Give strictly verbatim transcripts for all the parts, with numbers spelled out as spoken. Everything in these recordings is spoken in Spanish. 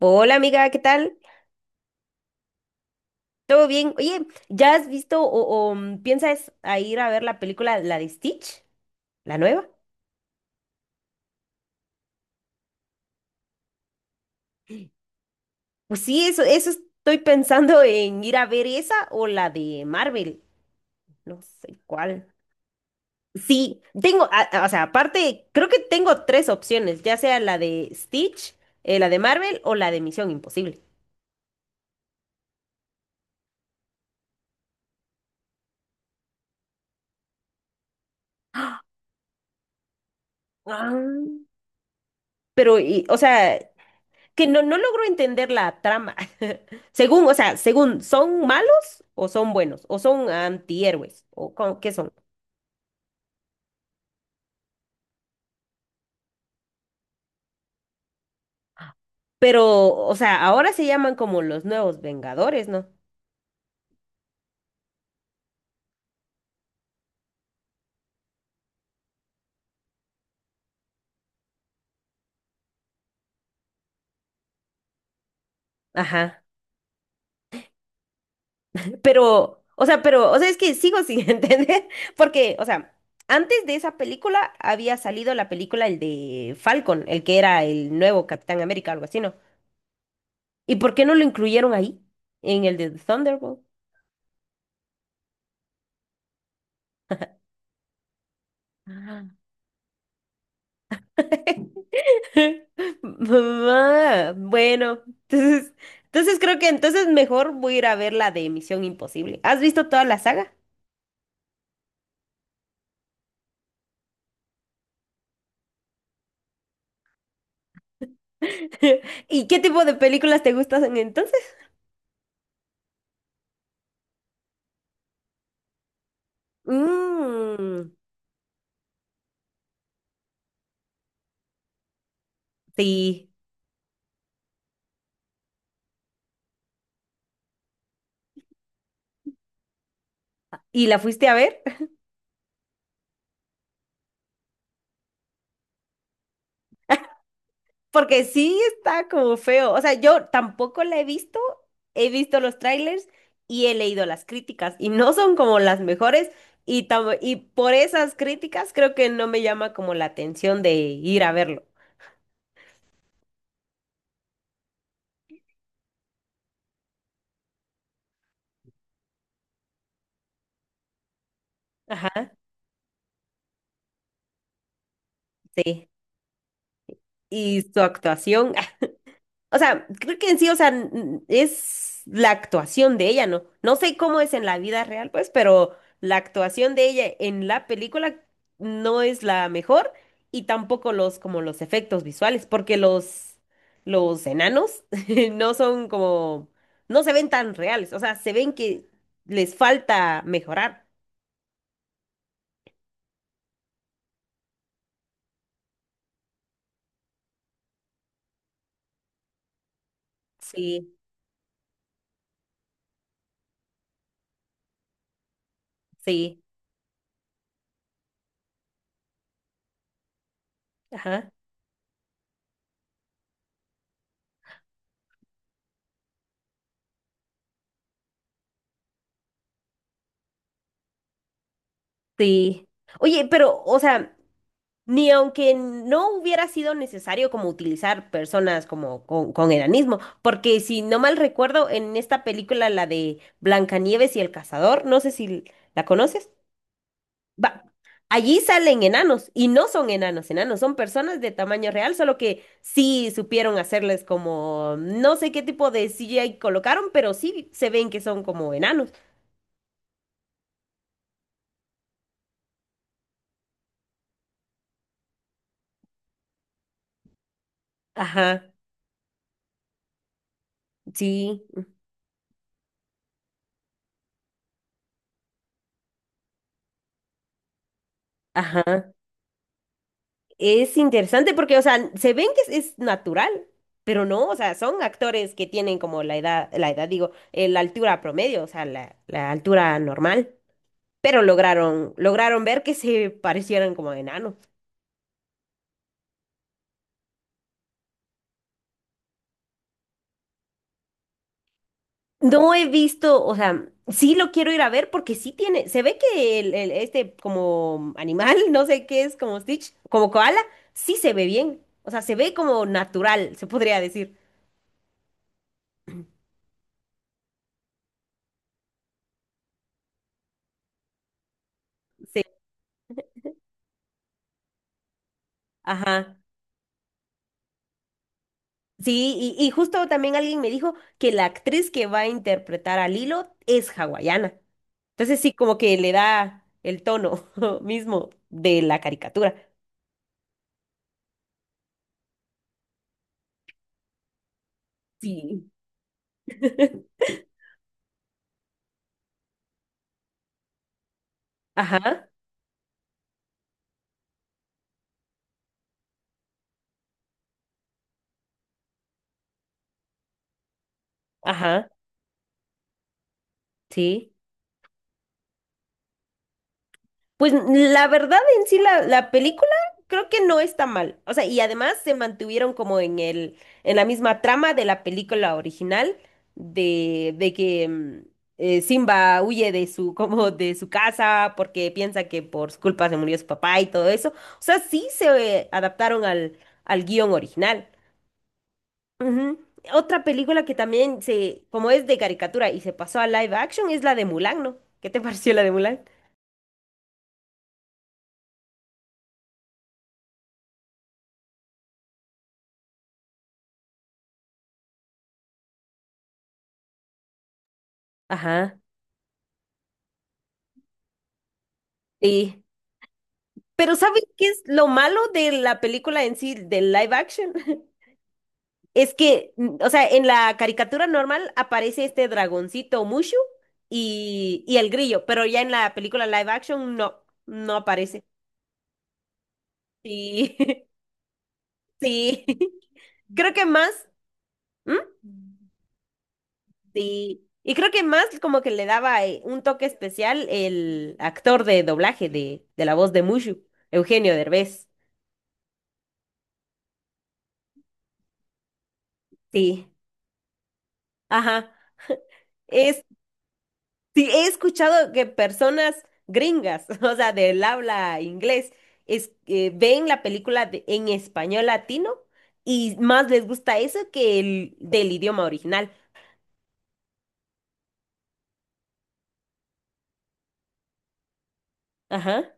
Hola amiga, ¿qué tal? ¿Todo bien? Oye, ¿ya has visto o, o, mm, piensas a ir a ver la película, la de Stitch, la nueva? Pues sí, eso, eso estoy pensando en ir a ver esa o la de Marvel, no sé cuál. Sí, tengo, a- a- o sea, aparte, creo que tengo tres opciones, ya sea la de Stitch, eh, la de Marvel o la de Misión Imposible. Ah. Pero, y- o sea, que no, no logro entender la trama. Según, o sea, según, ¿son malos o son buenos? ¿O son antihéroes? ¿O cómo- qué son? Pero, o sea, ahora se llaman como los nuevos Vengadores, ¿no? Ajá. Pero, o sea, pero, o sea, es que sigo sin entender, porque, o sea, antes de esa película había salido la película, el de Falcon, el que era el nuevo Capitán América, algo así, ¿no? ¿Y por qué no lo incluyeron ahí, en el de Thunderbolt? Ah. Mamá, bueno, entonces, entonces creo que entonces mejor voy a ir a ver la de Misión Imposible. ¿Has visto toda la saga? ¿Y qué tipo de películas te gustan entonces? Mm, sí. ¿Y la fuiste a ver? Porque sí está como feo. O sea, yo tampoco la he visto. He visto los trailers y he leído las críticas y no son como las mejores. Y, tam- y por esas críticas creo que no me llama como la atención de ir a verlo. Ajá, sí. Y su actuación, ah, o sea, creo que en sí, o sea, n- es la actuación de ella, ¿no? No sé cómo es en la vida real, pues, pero la actuación de ella en la película no es la mejor y tampoco los, como los efectos visuales, porque los, los enanos no son como, no se ven tan reales, o sea, se ven que les falta mejorar. Sí, sí, ajá, sí. Oye, pero, o sea... Ni aunque no hubiera sido necesario como utilizar personas como con, con enanismo, porque si no mal recuerdo, en esta película, la de Blancanieves y el cazador, no sé si la conoces, va, allí salen enanos y no son enanos, enanos, son personas de tamaño real, solo que sí supieron hacerles como, no sé qué tipo de C G I colocaron, pero sí se ven que son como enanos. Ajá, sí, ajá. Es interesante porque, o sea, se ven que es, es natural, pero no, o sea, son actores que tienen como la edad, la edad, digo, eh, la altura promedio, o sea, la, la altura normal, pero lograron, lograron ver que se parecieran como a enanos. No he visto, o sea, sí lo quiero ir a ver porque sí tiene, se ve que el, el- este como animal, no sé qué es, como Stitch, como koala, sí se ve bien, o sea, se ve como natural, se podría decir. Sí, ajá. Sí, y, y justo también alguien me dijo que la actriz que va a interpretar a Lilo es hawaiana. Entonces sí, como que le da el tono mismo de la caricatura. Sí. Ajá, ajá, sí. Pues la verdad en sí la, la película creo que no está mal. O sea, y además se mantuvieron como en el, en la misma trama de la película original de, de que mm, eh, Simba huye de su, como de su casa porque piensa que por su culpa se murió su papá y todo eso. O sea, sí se eh, adaptaron al, al guión original. Ujú. Otra película que también se, como es de caricatura y se pasó a live action es la de Mulan, ¿no? ¿Qué te pareció la de Mulan? Ajá. Sí. Pero ¿sabes qué es lo malo de la película en sí, del live action? Es que, mm, o sea, en la caricatura normal aparece este dragoncito Mushu y, y el grillo, pero ya en la película live action no, no aparece. Sí, sí. Creo que más, ¿mm? Sí. Y creo que más como que le daba eh, un toque especial el actor de doblaje de, de la voz de Mushu, Eugenio Derbez. Sí. Ajá. Es, sí, he escuchado que personas gringas, o sea, del habla inglés, es, eh, ven la película de- en español latino y más les gusta eso que el del idioma original. Ajá.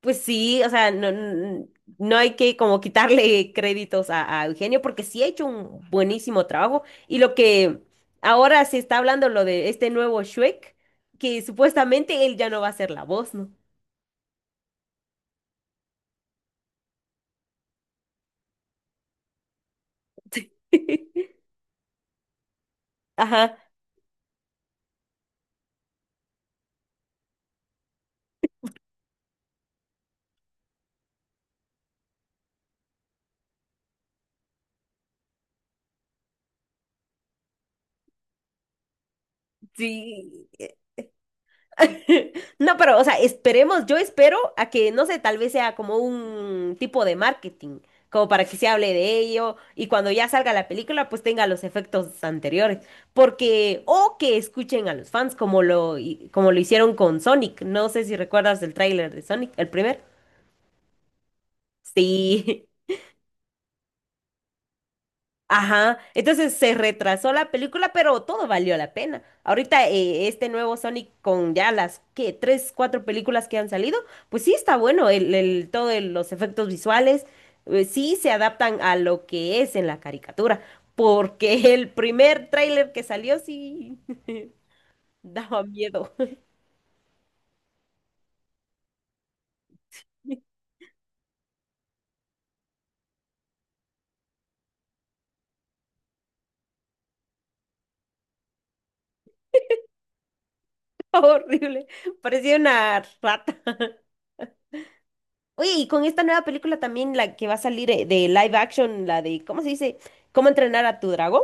Pues sí, o sea, no, n- no hay que como quitarle créditos a, a Eugenio porque sí ha hecho un buenísimo trabajo. Y lo que ahora se está hablando, lo de este nuevo Shrek, que supuestamente él ya no va a ser la voz, ¿no? Ajá, sí. No, pero, o sea, esperemos, yo espero a que, no sé, tal vez sea como un tipo de marketing, como para que se hable de ello y cuando ya salga la película, pues tenga los efectos anteriores, porque, o que escuchen a los fans como lo, hi- como lo hicieron con Sonic, no sé si recuerdas el tráiler de Sonic, el primer. Sí, ajá, entonces se retrasó la película, pero todo valió la pena. Ahorita eh, este nuevo Sonic con ya las que tres, cuatro películas que han salido, pues sí está bueno el, el todo el- los efectos visuales, eh, sí se adaptan a lo que es en la caricatura, porque el primer tráiler que salió sí daba miedo, horrible, parecía una rata. Oye, y con esta nueva película también la que va a salir eh, de live action, la de ¿cómo se dice? ¿Cómo entrenar a tu dragón?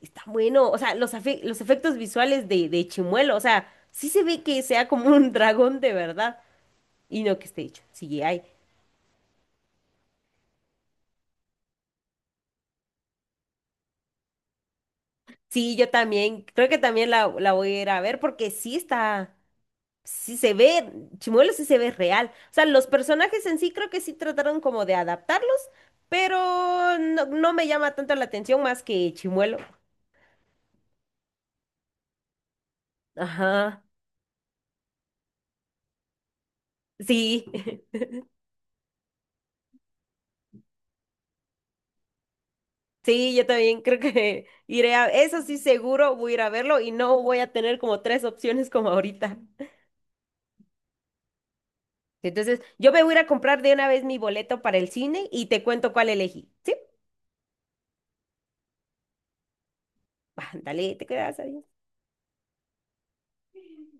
Está bueno, o sea, los, afe- los efectos visuales de, de Chimuelo, o sea, sí se ve que sea como un dragón de verdad y no que esté hecho. Sí, hay. Sí, yo también, creo que también la, la voy a ir a ver porque sí está, sí se ve, Chimuelo sí se ve real. O sea, los personajes en sí creo que sí trataron como de adaptarlos, pero no, no me llama tanto la atención más que Chimuelo. Ajá, sí. Sí, yo también creo que iré a... Eso sí, seguro voy a ir a verlo y no voy a tener como tres opciones como ahorita. Entonces, yo me voy a ir a comprar de una vez mi boleto para el cine y te cuento cuál elegí. ¿Sí? Ándale, te quedas ahí.